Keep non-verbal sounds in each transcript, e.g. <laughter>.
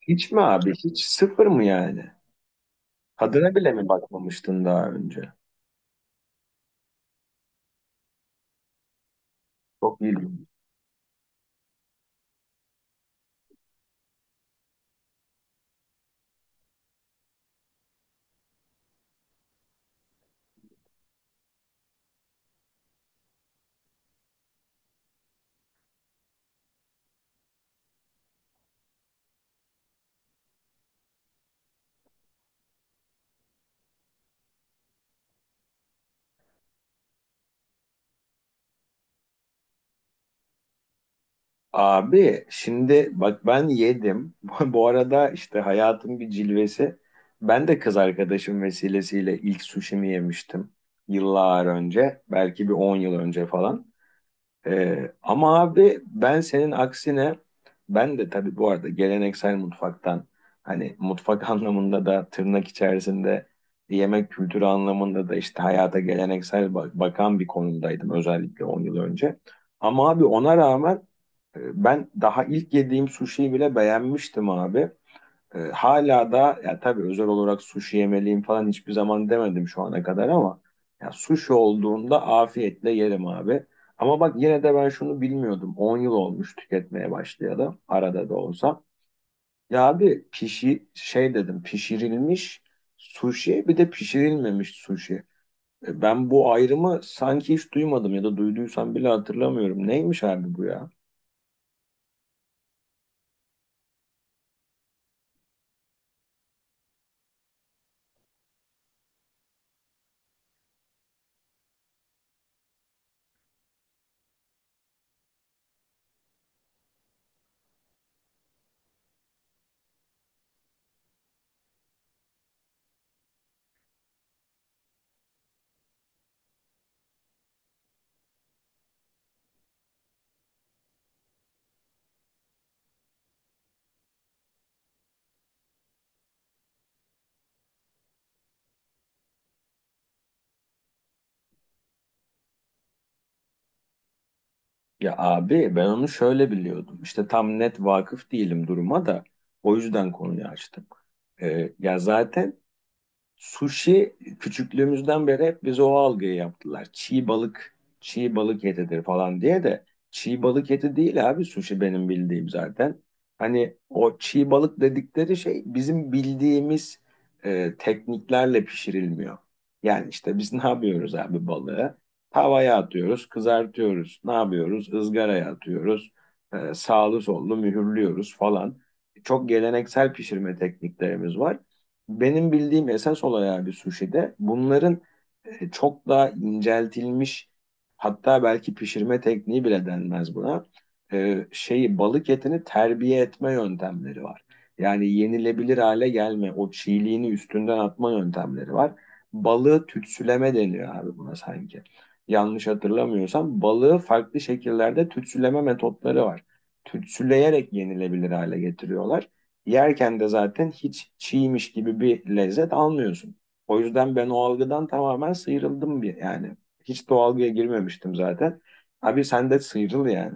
Hiç mi abi? Hiç sıfır mı yani? Tadına bile mi bakmamıştın daha önce? Çok iyi. Abi şimdi bak ben yedim. <laughs> Bu arada işte hayatın bir cilvesi. Ben de kız arkadaşım vesilesiyle ilk suşimi yemiştim. Yıllar önce. Belki bir 10 yıl önce falan. Ama abi ben senin aksine ben de tabii bu arada geleneksel mutfaktan hani mutfak <laughs> anlamında da tırnak içerisinde yemek kültürü anlamında da işte hayata geleneksel bakan bir konumdaydım özellikle 10 yıl önce. Ama abi ona rağmen ben daha ilk yediğim suşiyi bile beğenmiştim abi. E, hala da ya tabii özel olarak sushi yemeliyim falan hiçbir zaman demedim şu ana kadar ama ya sushi olduğunda afiyetle yerim abi. Ama bak yine de ben şunu bilmiyordum. 10 yıl olmuş tüketmeye başlayalı arada da olsa. Ya abi pişi şey dedim pişirilmiş sushi bir de pişirilmemiş sushi. Ben bu ayrımı sanki hiç duymadım ya da duyduysam bile hatırlamıyorum. Neymiş abi bu ya? Ya abi ben onu şöyle biliyordum. İşte tam net vakıf değilim duruma da o yüzden konuyu açtım. Ya zaten sushi küçüklüğümüzden beri hep bize o algıyı yaptılar. Çiğ balık, çiğ balık etidir falan diye de çiğ balık eti değil abi sushi benim bildiğim zaten. Hani o çiğ balık dedikleri şey bizim bildiğimiz tekniklerle pişirilmiyor. Yani işte biz ne yapıyoruz abi balığı? Tavaya atıyoruz, kızartıyoruz. Ne yapıyoruz? Izgaraya atıyoruz. E, sağlı sollu mühürlüyoruz falan. Çok geleneksel pişirme tekniklerimiz var. Benim bildiğim esas olay abi suşide bunların çok daha inceltilmiş, hatta belki pişirme tekniği bile denmez buna. E, şeyi balık etini terbiye etme yöntemleri var. Yani yenilebilir hale gelme, o çiğliğini üstünden atma yöntemleri var. Balığı tütsüleme deniyor abi buna sanki. Yanlış hatırlamıyorsam balığı farklı şekillerde tütsüleme metotları var. Tütsüleyerek yenilebilir hale getiriyorlar. Yerken de zaten hiç çiğmiş gibi bir lezzet almıyorsun. O yüzden ben o algıdan tamamen sıyrıldım bir yani. Hiç de o algıya girmemiştim zaten. Abi sen de sıyrıl yani.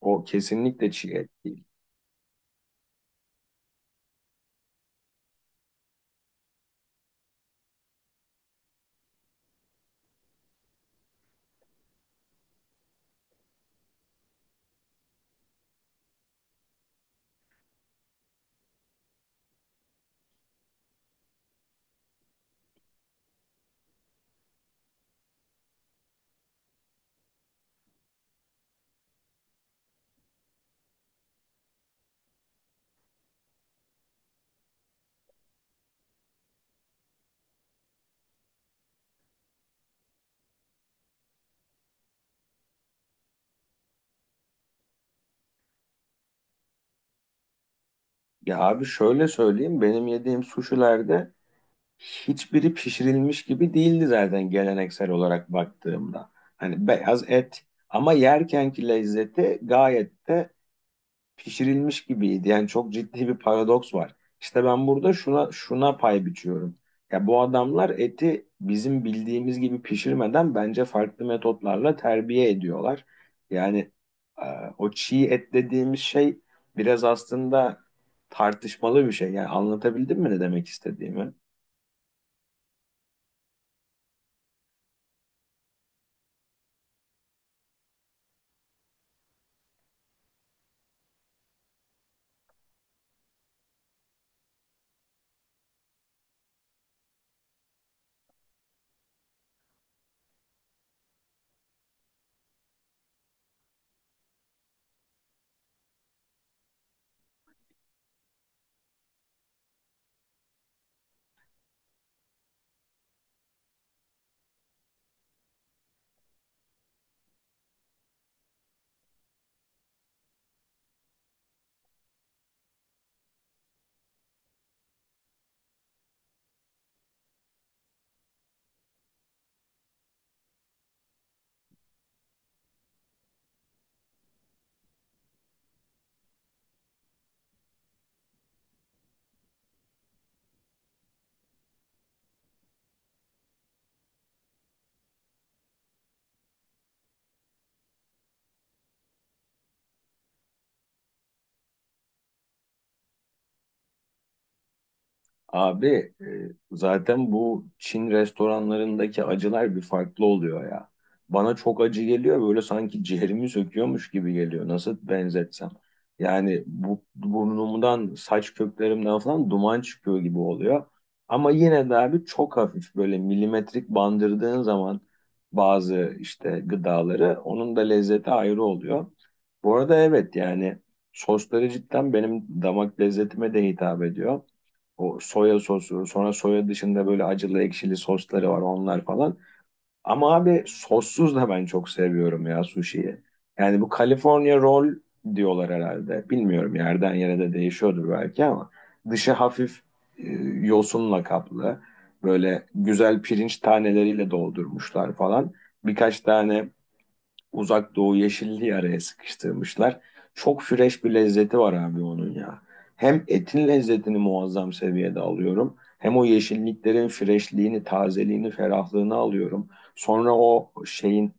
O kesinlikle çiğ et değil. Ya abi şöyle söyleyeyim, benim yediğim suşilerde hiçbiri pişirilmiş gibi değildi zaten geleneksel olarak baktığımda. Hani beyaz et ama yerkenki lezzeti gayet de pişirilmiş gibiydi. Yani çok ciddi bir paradoks var. İşte ben burada şuna şuna pay biçiyorum. Ya bu adamlar eti bizim bildiğimiz gibi pişirmeden bence farklı metotlarla terbiye ediyorlar. Yani e, O çiğ et dediğimiz şey biraz aslında tartışmalı bir şey. Yani anlatabildim mi ne demek istediğimi? Abi e, zaten bu Çin restoranlarındaki acılar bir farklı oluyor ya. Bana çok acı geliyor, böyle sanki ciğerimi söküyormuş gibi geliyor. Nasıl benzetsem. Yani bu burnumdan, saç köklerimden falan duman çıkıyor gibi oluyor. Ama yine de abi çok hafif böyle milimetrik bandırdığın zaman bazı işte gıdaları, onun da lezzeti ayrı oluyor. Bu arada evet, yani sosları cidden benim damak lezzetime de hitap ediyor. O soya sosu, sonra soya dışında böyle acılı ekşili sosları var onlar falan. Ama abi sossuz da ben çok seviyorum ya sushi'yi. Yani bu California roll diyorlar herhalde. Bilmiyorum, yerden yere de değişiyordur belki ama dışı hafif e, yosunla kaplı. Böyle güzel pirinç taneleriyle doldurmuşlar falan. Birkaç tane Uzak Doğu yeşilliği araya sıkıştırmışlar. Çok fresh bir lezzeti var abi onun ya. Hem etin lezzetini muazzam seviyede alıyorum. Hem o yeşilliklerin freshliğini, tazeliğini, ferahlığını alıyorum. Sonra o şeyin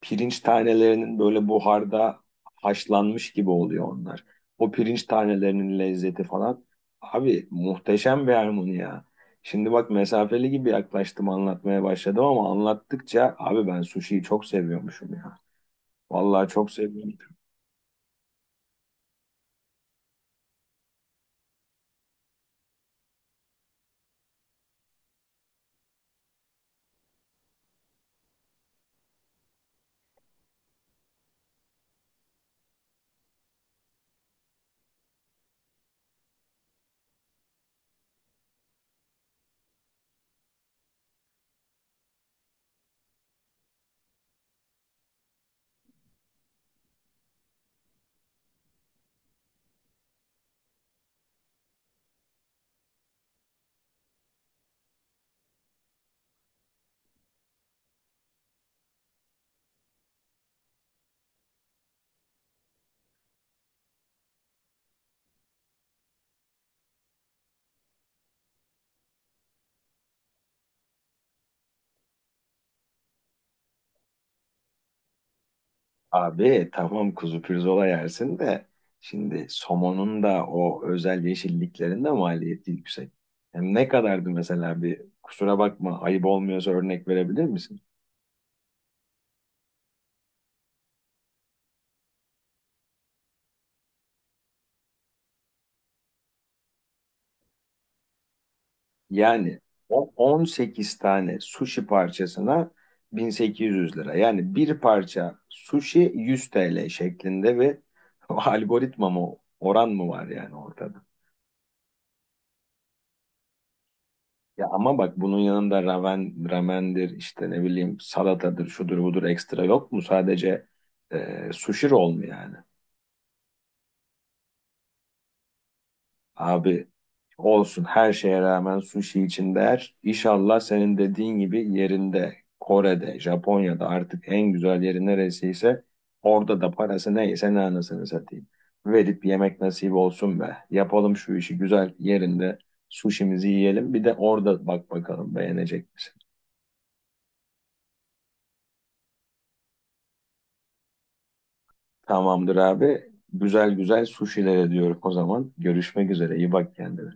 pirinç tanelerinin böyle buharda haşlanmış gibi oluyor onlar. O pirinç tanelerinin lezzeti falan. Abi muhteşem bir harmoni ya. Şimdi bak, mesafeli gibi yaklaştım anlatmaya başladım ama anlattıkça abi ben sushiyi çok seviyormuşum ya. Vallahi çok sevindim. Abi tamam, kuzu pirzola yersin de şimdi somonun da o özel yeşilliklerinde maliyeti yüksek. Hem ne kadardı mesela, bir kusura bakma ayıp olmuyorsa örnek verebilir misin? Yani o 18 tane sushi parçasına 1800 lira. Yani bir parça sushi 100 TL şeklinde bir <laughs> algoritma mı, oran mı var yani ortada? Ya ama bak, bunun yanında ramen, ramendir, işte ne bileyim salatadır şudur budur, ekstra yok mu? Sadece sushi roll mu yani? Abi olsun, her şeye rağmen sushi için değer. İnşallah senin dediğin gibi yerinde, Kore'de, Japonya'da, artık en güzel yeri neresiyse orada da parası neyse ne, anasını satayım. Verip yemek nasip olsun be. Yapalım şu işi, güzel yerinde sushimizi yiyelim. Bir de orada bak bakalım beğenecek misin? Tamamdır abi. Güzel güzel suşiler ediyorum o zaman. Görüşmek üzere. İyi bak kendine.